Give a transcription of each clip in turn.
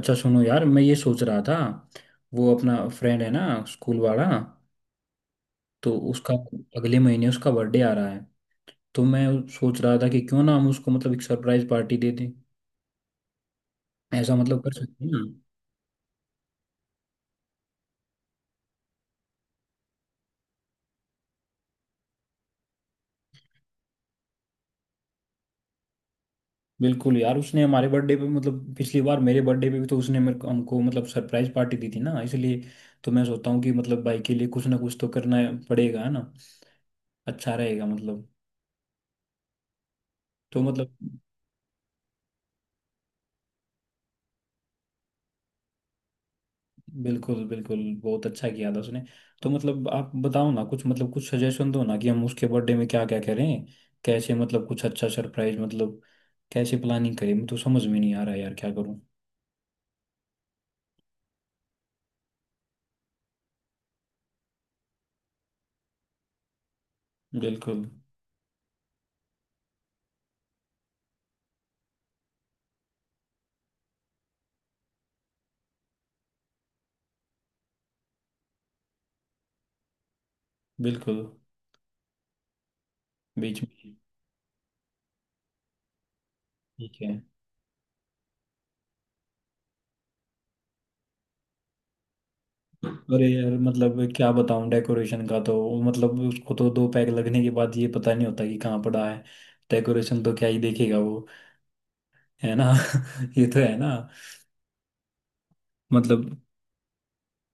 अच्छा, सुनो यार, मैं ये सोच रहा था। वो अपना फ्रेंड है ना, स्कूल वाला। तो उसका अगले महीने उसका बर्थडे आ रहा है। तो मैं सोच रहा था कि क्यों ना हम उसको मतलब एक सरप्राइज पार्टी दे दें। ऐसा मतलब कर सकते हैं ना। बिल्कुल यार, उसने हमारे बर्थडे पे मतलब पिछली बार मेरे बर्थडे पे भी तो उसने मेरे को हमको मतलब सरप्राइज पार्टी दी थी ना, इसलिए। तो मैं सोचता हूँ कि मतलब भाई के लिए कुछ ना कुछ तो करना पड़ेगा, है ना? अच्छा रहेगा मतलब। तो मतलब। बिल्कुल, बिल्कुल। बहुत अच्छा किया था उसने। तो मतलब आप बताओ ना, कुछ मतलब कुछ सजेशन दो ना कि हम उसके बर्थडे में क्या क्या करें। कैसे मतलब कुछ अच्छा सरप्राइज मतलब, कैसे प्लानिंग करें, मुझे तो समझ में नहीं आ रहा यार, क्या करूं। बिल्कुल। बिल्कुल। बीच में। ठीक है। अरे यार मतलब क्या बताऊं, डेकोरेशन का तो मतलब, उसको तो दो पैक लगने के बाद ये पता नहीं होता कि कहाँ पड़ा है। डेकोरेशन तो क्या ही देखेगा वो, है ना? ये तो है ना मतलब।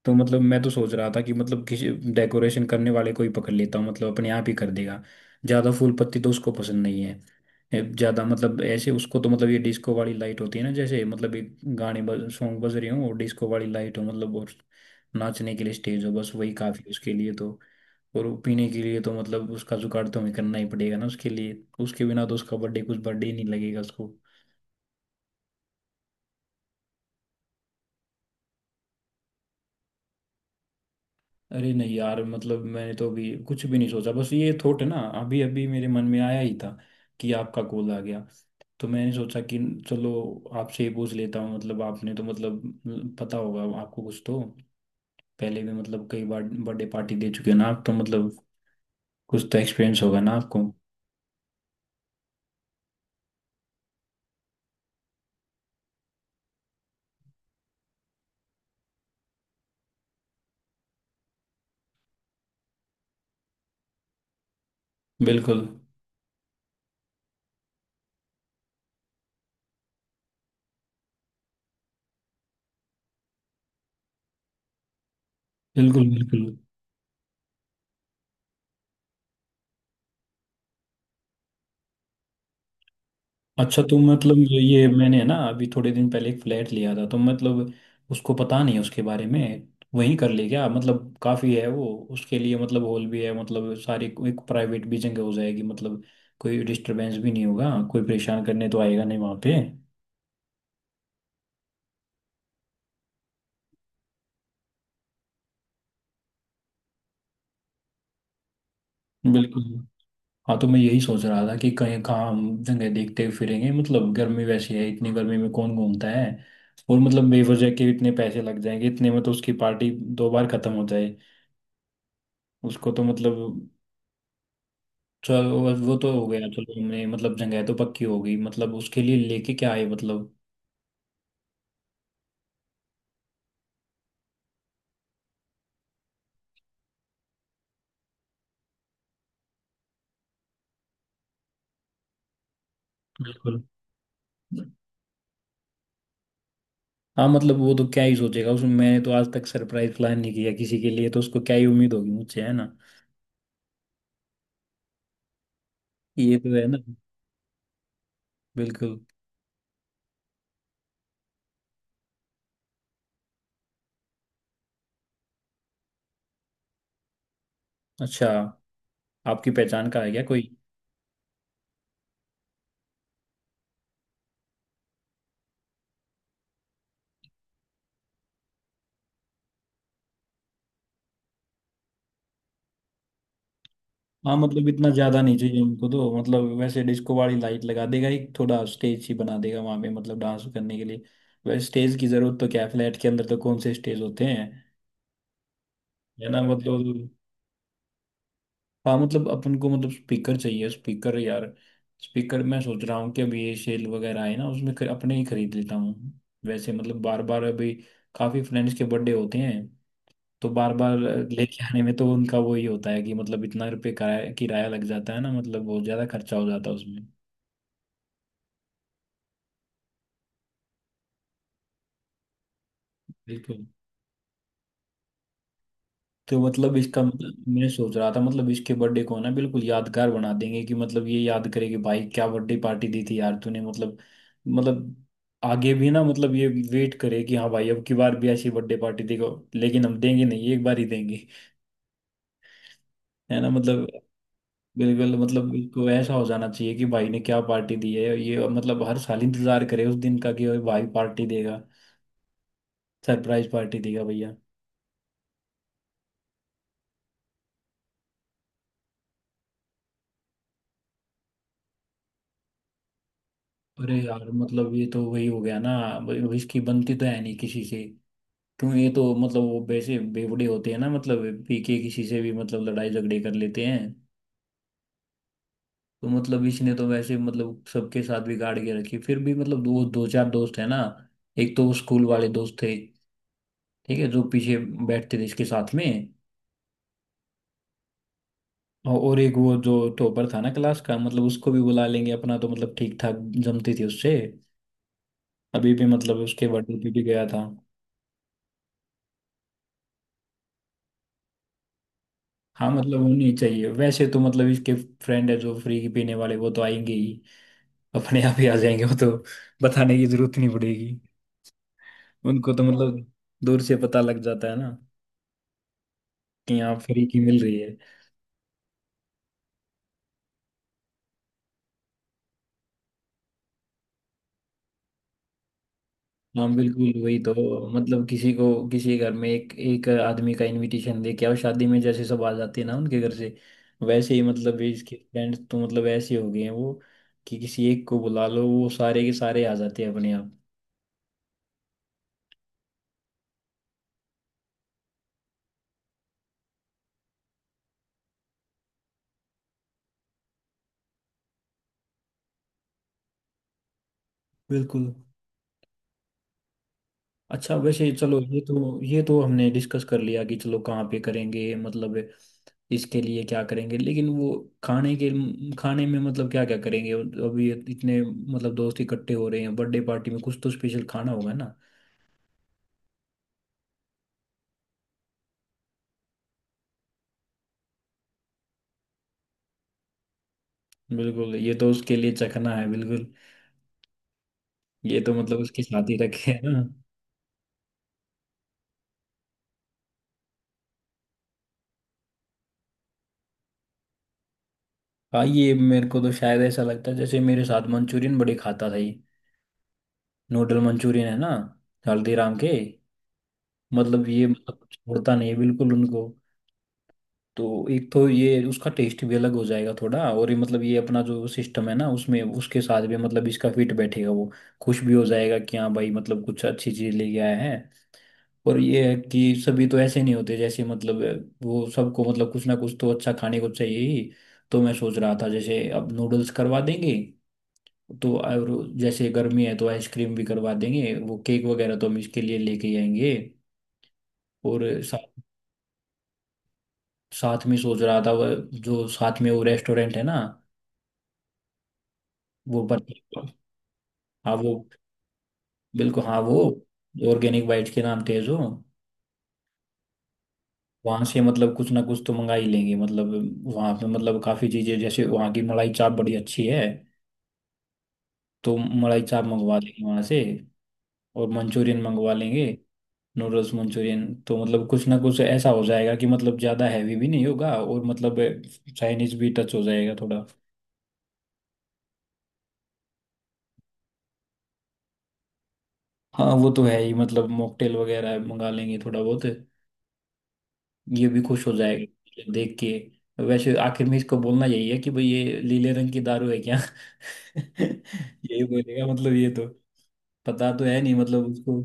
तो मतलब मैं तो सोच रहा था कि मतलब किसी डेकोरेशन करने वाले को ही पकड़ लेता हूँ, मतलब अपने आप ही कर देगा। ज़्यादा फूल पत्ती तो उसको पसंद नहीं है ज़्यादा, मतलब ऐसे उसको तो मतलब ये डिस्को वाली लाइट होती है ना, जैसे मतलब एक गाने बज सॉन्ग बज रहे हों और डिस्को वाली लाइट हो मतलब, और नाचने के लिए स्टेज हो, बस वही काफ़ी उसके लिए तो। और वो पीने के लिए तो मतलब उसका जुगाड़ तो हमें करना ही पड़ेगा ना, उसके लिए उसके बिना तो उसका बर्थडे कुछ बर्थडे ही नहीं लगेगा उसको। अरे नहीं यार, मतलब मैंने तो अभी कुछ भी नहीं सोचा, बस ये थॉट है ना, अभी अभी मेरे मन में आया ही था कि आपका कॉल आ गया। तो मैंने सोचा कि चलो आपसे ही पूछ लेता हूँ, मतलब आपने तो मतलब पता होगा आपको कुछ तो। पहले भी मतलब कई बार बर्थडे पार्टी दे चुके हैं ना आप, तो मतलब कुछ तो एक्सपीरियंस होगा ना आपको। बिल्कुल, बिल्कुल, बिल्कुल। अच्छा तुम मतलब, ये मैंने ना अभी थोड़े दिन पहले एक फ्लैट लिया था, तो मतलब उसको पता नहीं उसके बारे में, वहीं कर ले क्या? मतलब काफी है वो उसके लिए, मतलब हॉल भी है, मतलब सारी एक प्राइवेट भी जगह हो जाएगी मतलब, कोई डिस्टरबेंस भी नहीं होगा, कोई परेशान करने तो आएगा नहीं वहां पे। बिल्कुल। हाँ तो मैं यही सोच रहा था कि कहीं कहाँ हम जगह देखते फिरेंगे, मतलब गर्मी वैसी है, इतनी गर्मी में कौन घूमता है। और मतलब बेवजह के इतने पैसे लग जाएंगे, इतने में तो उसकी पार्टी दो बार खत्म हो जाए उसको तो मतलब। चलो वो तो हो गया, चलो हमने मतलब जगह तो पक्की हो गई, मतलब उसके लिए लेके क्या आए मतलब। बिल्कुल। हाँ मतलब वो तो क्या ही सोचेगा उसमें, मैंने तो आज तक सरप्राइज प्लान नहीं किया किसी के लिए, तो उसको क्या ही उम्मीद होगी मुझसे, है ना? ये तो है ना। बिल्कुल। अच्छा, आपकी पहचान का है क्या कोई? हाँ मतलब इतना ज्यादा नहीं चाहिए उनको तो मतलब, वैसे डिस्को वाली लाइट लगा देगा एक, थोड़ा स्टेज ही बना देगा वहां पे मतलब डांस करने के लिए। वैसे स्टेज की जरूरत तो क्या है, फ्लैट के अंदर तो कौन से स्टेज होते हैं, है ना मतलब। हाँ मतलब अपन को मतलब स्पीकर चाहिए, स्पीकर यार, स्पीकर। मैं सोच रहा हूँ कि अभी ये सेल वगैरह है ना, उसमें अपने ही खरीद लेता हूँ। वैसे मतलब बार बार अभी काफी फ्रेंड्स के बर्थडे होते हैं, तो बार बार लेके आने में तो उनका वो ही होता है कि मतलब इतना रुपये किराया किराया लग जाता है ना, मतलब बहुत ज्यादा खर्चा हो जाता है उसमें। बिल्कुल। तो मतलब इसका मतलब मैं सोच रहा था, मतलब इसके बर्थडे को ना बिल्कुल यादगार बना देंगे कि मतलब ये याद करे कि भाई क्या बर्थडे पार्टी दी थी यार तूने मतलब आगे भी ना मतलब ये वेट करे कि हाँ भाई अब की बार भी ऐसी बर्थडे पार्टी देगा, लेकिन हम देंगे नहीं, एक बार ही देंगे। है ना मतलब। बिल्कुल मतलब इसको ऐसा हो जाना चाहिए कि भाई ने क्या पार्टी दी है ये, मतलब हर साल इंतजार करे उस दिन का कि अरे भाई पार्टी देगा, सरप्राइज पार्टी देगा भैया। अरे यार मतलब ये तो वही हो गया ना, अब इसकी बनती तो है नहीं किसी से। क्यों, ये तो मतलब वो वैसे बेवड़े होते हैं ना, मतलब पी के किसी से भी मतलब लड़ाई झगड़े कर लेते हैं। तो मतलब इसने तो वैसे मतलब सबके साथ बिगाड़ के रखी, फिर भी मतलब दो दो चार दोस्त है ना। एक तो वो स्कूल वाले दोस्त थे, ठीक है, जो पीछे बैठते थे इसके साथ में। और एक वो जो टॉपर था ना क्लास का, मतलब उसको भी बुला लेंगे, अपना तो मतलब ठीक ठाक जमती थी उससे, अभी भी मतलब उसके बर्थडे पे भी गया था। हाँ मतलब होनी चाहिए वैसे तो मतलब, इसके फ्रेंड है जो फ्री पीने वाले वो तो आएंगे ही, अपने आप ही आ जाएंगे वो तो, बताने की जरूरत नहीं पड़ेगी उनको तो मतलब, दूर से पता लग जाता है ना कि यहाँ फ्री की मिल रही है। हाँ बिल्कुल वही तो। मतलब किसी को किसी घर में एक एक आदमी का इनविटेशन दे के आओ, शादी में जैसे सब आ जाते हैं ना उनके घर से, वैसे ही मतलब ये इसके फ्रेंड्स तो मतलब ऐसे हो गए हैं वो कि किसी एक को बुला लो वो सारे के सारे आ जाते हैं अपने आप। बिल्कुल। अच्छा वैसे चलो, ये तो हमने डिस्कस कर लिया कि चलो कहाँ पे करेंगे मतलब, इसके लिए क्या करेंगे, लेकिन वो खाने के खाने में मतलब क्या क्या करेंगे। अभी इतने मतलब दोस्त इकट्ठे हो रहे हैं बर्थडे पार्टी में, कुछ तो स्पेशल खाना होगा ना। बिल्कुल, ये तो उसके लिए चखना है बिल्कुल, ये तो मतलब उसके साथ ही रखे है ना। हाँ, ये मेरे को तो शायद ऐसा लगता है जैसे मेरे साथ मंचूरियन बड़े खाता था ये, नूडल मंचूरियन है ना, हल्दीराम के। मतलब ये मतलब छोड़ता नहीं है बिल्कुल उनको। तो एक तो ये उसका टेस्ट भी अलग हो जाएगा थोड़ा, और ये मतलब ये अपना जो सिस्टम है ना उसमें उसके साथ भी मतलब इसका फिट बैठेगा वो, खुश भी हो जाएगा कि हाँ भाई मतलब कुछ अच्छी चीज लेके आया है। और ये है कि सभी तो ऐसे नहीं होते जैसे, मतलब वो सबको मतलब कुछ ना कुछ तो अच्छा खाने को चाहिए ही। तो मैं सोच रहा था जैसे अब नूडल्स करवा देंगे तो, और जैसे गर्मी है तो आइसक्रीम भी करवा देंगे, वो केक वगैरह तो हम इसके लिए लेके ही आएंगे। और साथ, साथ में सोच रहा था वह जो साथ में वो रेस्टोरेंट है ना, वो पत्ते, हाँ वो, बिल्कुल हाँ वो ऑर्गेनिक बाइट के नाम तेज हो, वहां से मतलब कुछ ना कुछ तो मंगा ही लेंगे मतलब। वहां पे मतलब काफी चीजें, जैसे वहां की मलाई चाप बड़ी अच्छी है, तो मलाई चाप मंगवा लेंगे वहां से, और मंचूरियन मंगवा लेंगे, नूडल्स मंचूरियन, तो मतलब कुछ ना कुछ ऐसा हो जाएगा कि मतलब ज्यादा हैवी भी नहीं होगा और मतलब चाइनीज भी टच हो जाएगा थोड़ा। हाँ वो तो है ही, मतलब मॉकटेल वगैरह मंगा लेंगे थोड़ा बहुत, ये भी खुश हो जाएगा देख के। वैसे आखिर में इसको बोलना यही है कि भाई ये लीले रंग की दारू है क्या? यही बोलेगा मतलब, ये तो पता तो है नहीं मतलब उसको।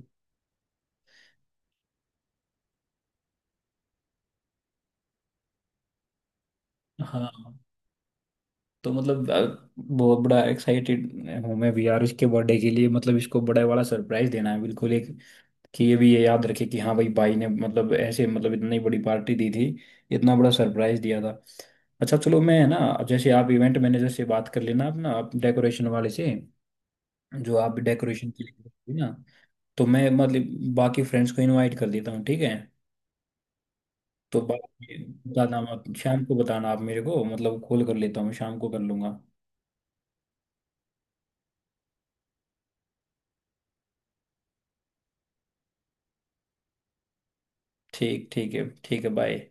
हाँ तो मतलब बहुत बड़ा एक्साइटेड हूँ मैं भी यार इसके बर्थडे के लिए, मतलब इसको बड़ा वाला सरप्राइज देना है बिल्कुल एक, कि ये भी ये याद रखे कि हाँ भाई, भाई ने मतलब ऐसे मतलब इतनी बड़ी पार्टी दी थी, इतना बड़ा सरप्राइज दिया था। अच्छा चलो मैं, है ना, जैसे आप इवेंट मैनेजर से बात कर लेना, अपना आप डेकोरेशन वाले से जो आप डेकोरेशन के लिए करते हो ना, तो मैं मतलब बाकी फ्रेंड्स को इनवाइट कर देता हूँ, ठीक है? तो बाकी बताना मत, शाम को बताना आप मेरे को, मतलब कॉल कर लेता हूँ शाम को, कर लूँगा। ठीक, ठीक है, ठीक है, बाय।